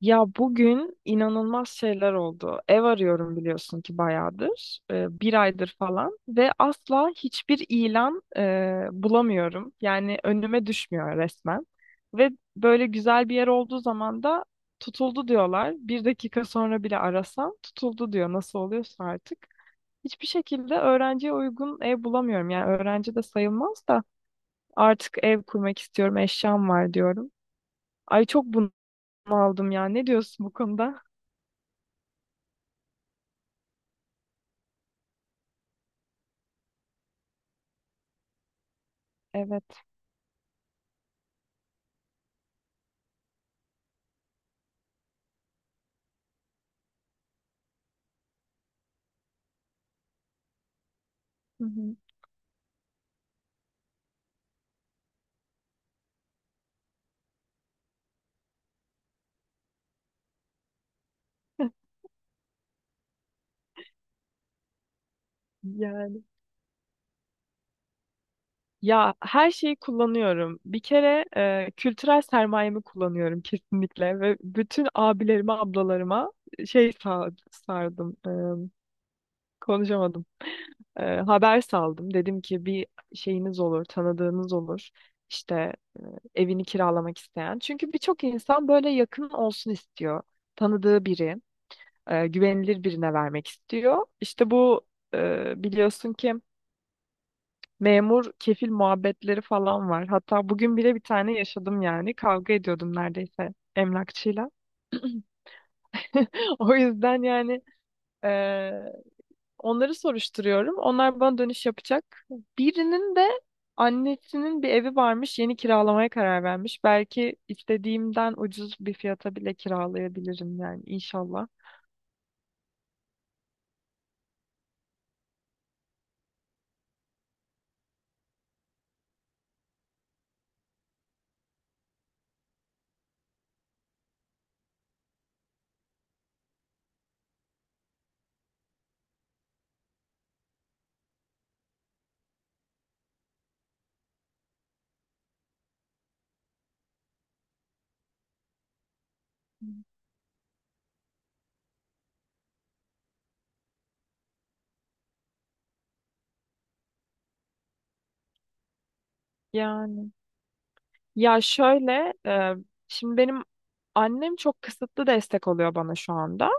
Ya bugün inanılmaz şeyler oldu. Ev arıyorum biliyorsun ki bayağıdır, bir aydır falan ve asla hiçbir ilan bulamıyorum. Yani önüme düşmüyor resmen. Ve böyle güzel bir yer olduğu zaman da tutuldu diyorlar. Bir dakika sonra bile arasam tutuldu diyor. Nasıl oluyorsa artık. Hiçbir şekilde öğrenciye uygun ev bulamıyorum. Yani öğrenci de sayılmaz da artık ev kurmak istiyorum, eşyam var diyorum. Ay çok bunaldım ya. Ne diyorsun bu konuda? Evet. Hı hı. Yani ya her şeyi kullanıyorum. Bir kere kültürel sermayemi kullanıyorum kesinlikle ve bütün abilerime, ablalarıma şey sardım. Konuşamadım. Haber saldım. Dedim ki bir şeyiniz olur, tanıdığınız olur. İşte e, evini kiralamak isteyen. Çünkü birçok insan böyle yakın olsun istiyor. Tanıdığı biri, güvenilir birine vermek istiyor. İşte bu biliyorsun ki memur kefil muhabbetleri falan var. Hatta bugün bile bir tane yaşadım yani. Kavga ediyordum neredeyse emlakçıyla. O yüzden yani eee, onları soruşturuyorum. Onlar bana dönüş yapacak. Birinin de annesinin bir evi varmış. Yeni kiralamaya karar vermiş. Belki istediğimden ucuz bir fiyata bile kiralayabilirim yani inşallah. Yani ya şöyle şimdi benim annem çok kısıtlı destek oluyor bana şu anda.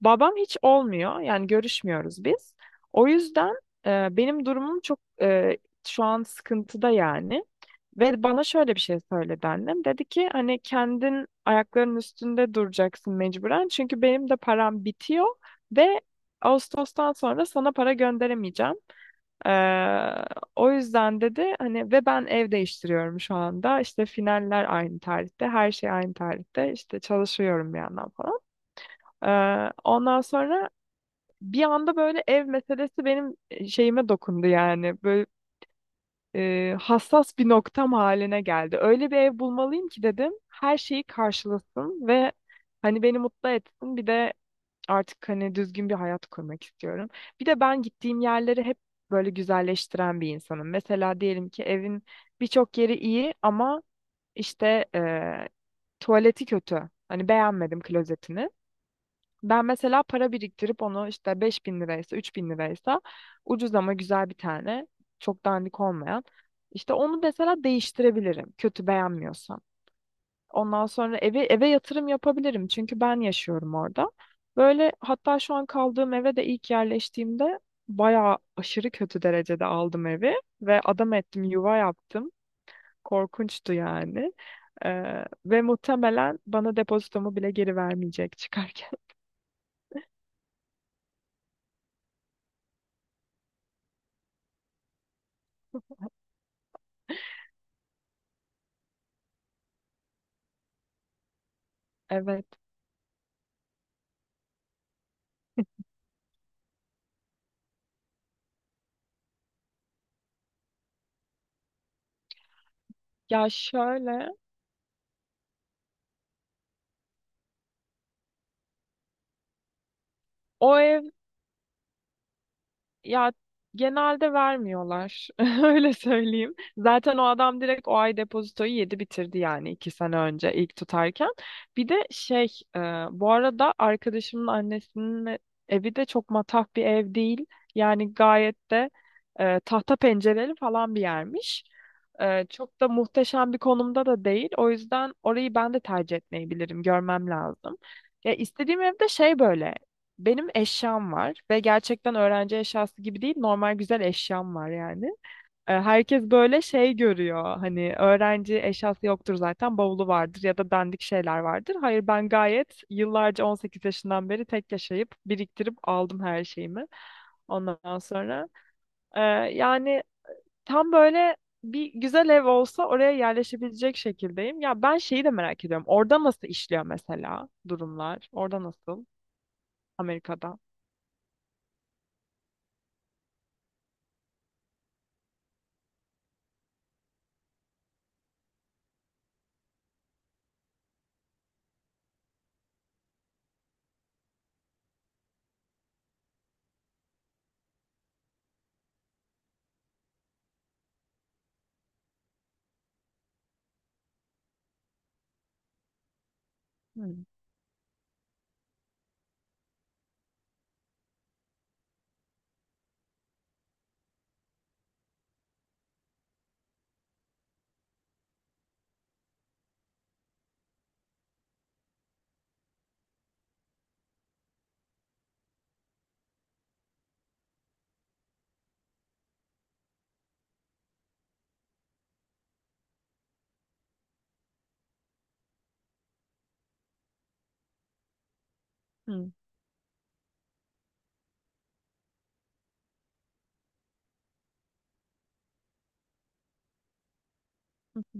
Babam hiç olmuyor. Yani görüşmüyoruz biz. O yüzden benim durumum çok şu an sıkıntıda yani. Ve bana şöyle bir şey söyledi annem. Dedi ki hani kendin ayaklarının üstünde duracaksın mecburen. Çünkü benim de param bitiyor ve Ağustos'tan sonra sana para gönderemeyeceğim. Ee, O yüzden dedi hani ve ben ev değiştiriyorum şu anda. İşte finaller aynı tarihte, her şey aynı tarihte. İşte çalışıyorum bir yandan falan. Ondan sonra bir anda böyle ev meselesi benim şeyime dokundu yani. Böyle hassas bir noktam haline geldi. Öyle bir ev bulmalıyım ki dedim. Her şeyi karşılasın ve hani beni mutlu etsin. Bir de artık hani düzgün bir hayat kurmak istiyorum. Bir de ben gittiğim yerleri hep böyle güzelleştiren bir insanım. Mesela diyelim ki evin birçok yeri iyi ama işte tuvaleti kötü. Hani beğenmedim klozetini. Ben mesela para biriktirip onu işte 5.000 liraysa 3.000 liraysa ucuz ama güzel bir tane çok dandik olmayan işte onu mesela değiştirebilirim kötü beğenmiyorsam. Ondan sonra eve yatırım yapabilirim çünkü ben yaşıyorum orada. Böyle hatta şu an kaldığım eve de ilk yerleştiğimde bayağı aşırı kötü derecede aldım evi ve adam ettim yuva yaptım. Korkunçtu yani. Ve muhtemelen bana depozitomu bile geri vermeyecek çıkarken. Evet. Ya şöyle, o ev... Ya genelde vermiyorlar. Öyle söyleyeyim. Zaten o adam direkt o ay depozitoyu yedi bitirdi yani 2 sene önce ilk tutarken. Bir de şey, e, bu arada arkadaşımın annesinin evi de çok matah bir ev değil. Yani gayet de tahta pencereli falan bir yermiş. Çok da muhteşem bir konumda da değil. O yüzden orayı ben de tercih etmeyebilirim. Görmem lazım. Ya istediğim evde şey böyle. Benim eşyam var ve gerçekten öğrenci eşyası gibi değil, normal güzel eşyam var yani. Herkes böyle şey görüyor. Hani öğrenci eşyası yoktur zaten, bavulu vardır ya da dandik şeyler vardır. Hayır ben gayet yıllarca 18 yaşından beri tek yaşayıp biriktirip aldım her şeyimi. Ondan sonra e, yani tam böyle bir güzel ev olsa oraya yerleşebilecek şekildeyim. Ya ben şeyi de merak ediyorum. Orada nasıl işliyor mesela durumlar? Orada nasıl? Amerika'da. Hmm. Hı. Hı hı.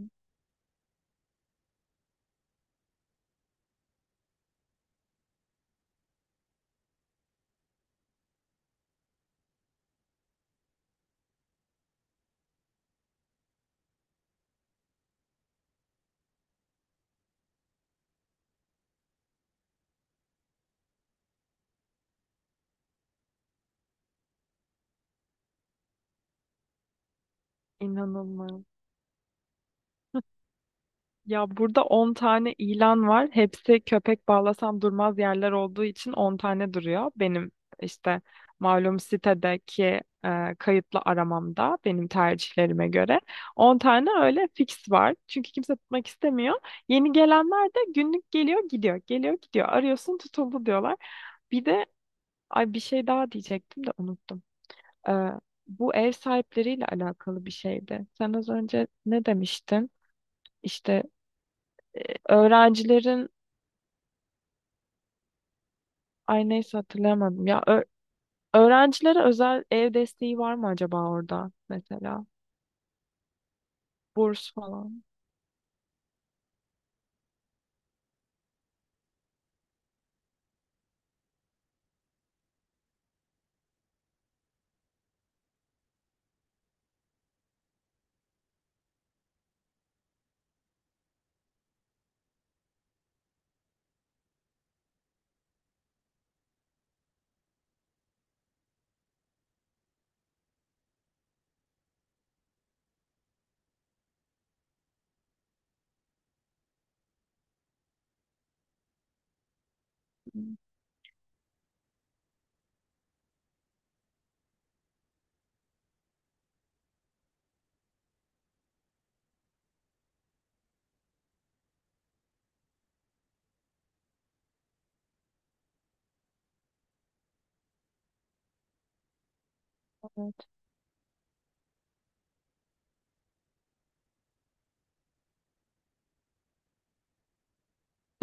İnanılmaz. Ya burada 10 tane ilan var. Hepsi köpek bağlasam durmaz yerler olduğu için 10 tane duruyor. Benim işte malum sitedeki kayıtlı aramamda benim tercihlerime göre 10 tane öyle fix var. Çünkü kimse tutmak istemiyor. Yeni gelenler de günlük geliyor gidiyor. Geliyor gidiyor. Arıyorsun tutuldu diyorlar. Bir de ay bir şey daha diyecektim de unuttum. E, Bu ev sahipleriyle alakalı bir şeydi. Sen az önce ne demiştin? İşte öğrencilerin ay neyse hatırlayamadım. Ya öğrencilere özel ev desteği var mı acaba orada mesela? Burs falan. Hmm.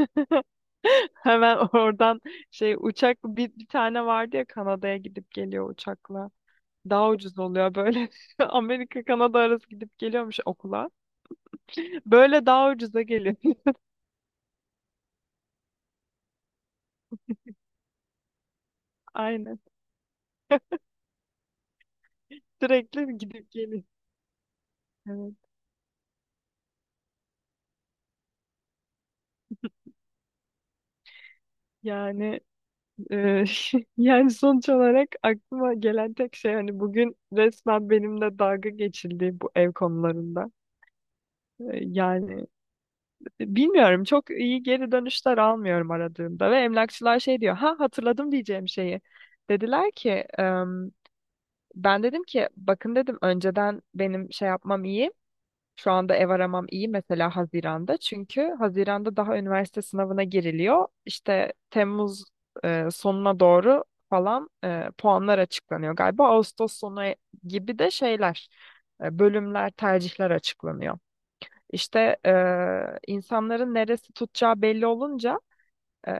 Hemen oradan şey uçak, bir tane vardı ya Kanada'ya gidip geliyor uçakla. Daha ucuz oluyor böyle. Amerika Kanada arası gidip geliyormuş okula. Böyle daha ucuza geliyor. Aynen. Sürekli gidip geliyor. Evet. Yani Ee, yani sonuç olarak aklıma gelen tek şey hani bugün resmen benimle dalga geçildi bu ev konularında. Yani bilmiyorum, çok iyi geri dönüşler almıyorum aradığımda ve emlakçılar şey diyor, ha hatırladım diyeceğim şeyi. Dediler ki "Em, ben dedim ki bakın dedim önceden benim şey yapmam iyi, şu anda ev aramam iyi mesela Haziran'da. Çünkü Haziran'da daha üniversite sınavına giriliyor. İşte Temmuz sonuna doğru falan puanlar açıklanıyor galiba. Ağustos sonu gibi de şeyler, bölümler, tercihler açıklanıyor. İşte insanların neresi tutacağı belli olunca e,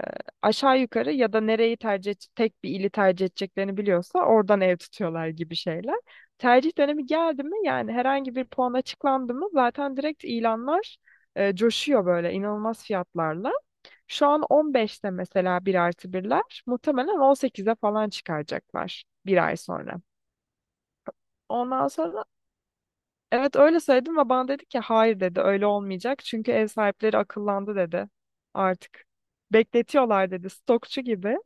aşağı yukarı ya da nereyi tercih tek bir ili tercih edeceklerini biliyorsa oradan ev tutuyorlar gibi şeyler. Tercih dönemi geldi mi yani, herhangi bir puan açıklandı mı, zaten direkt ilanlar coşuyor böyle inanılmaz fiyatlarla. Şu an 15'te mesela 1+1'ler. Muhtemelen 18'e falan çıkaracaklar bir ay sonra. Ondan sonra evet, öyle söyledim ve bana dedi ki hayır dedi, öyle olmayacak. Çünkü ev sahipleri akıllandı dedi. Artık bekletiyorlar dedi, stokçu gibi.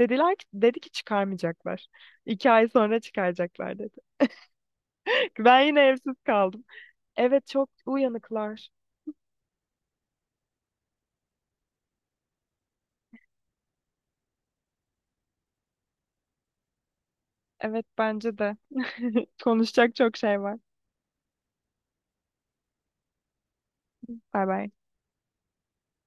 Dediler ki, dedi ki çıkarmayacaklar. 2 ay sonra çıkaracaklar dedi. Ben yine evsiz kaldım. Evet, çok uyanıklar. Evet, bence de. Konuşacak çok şey var. Bay bay.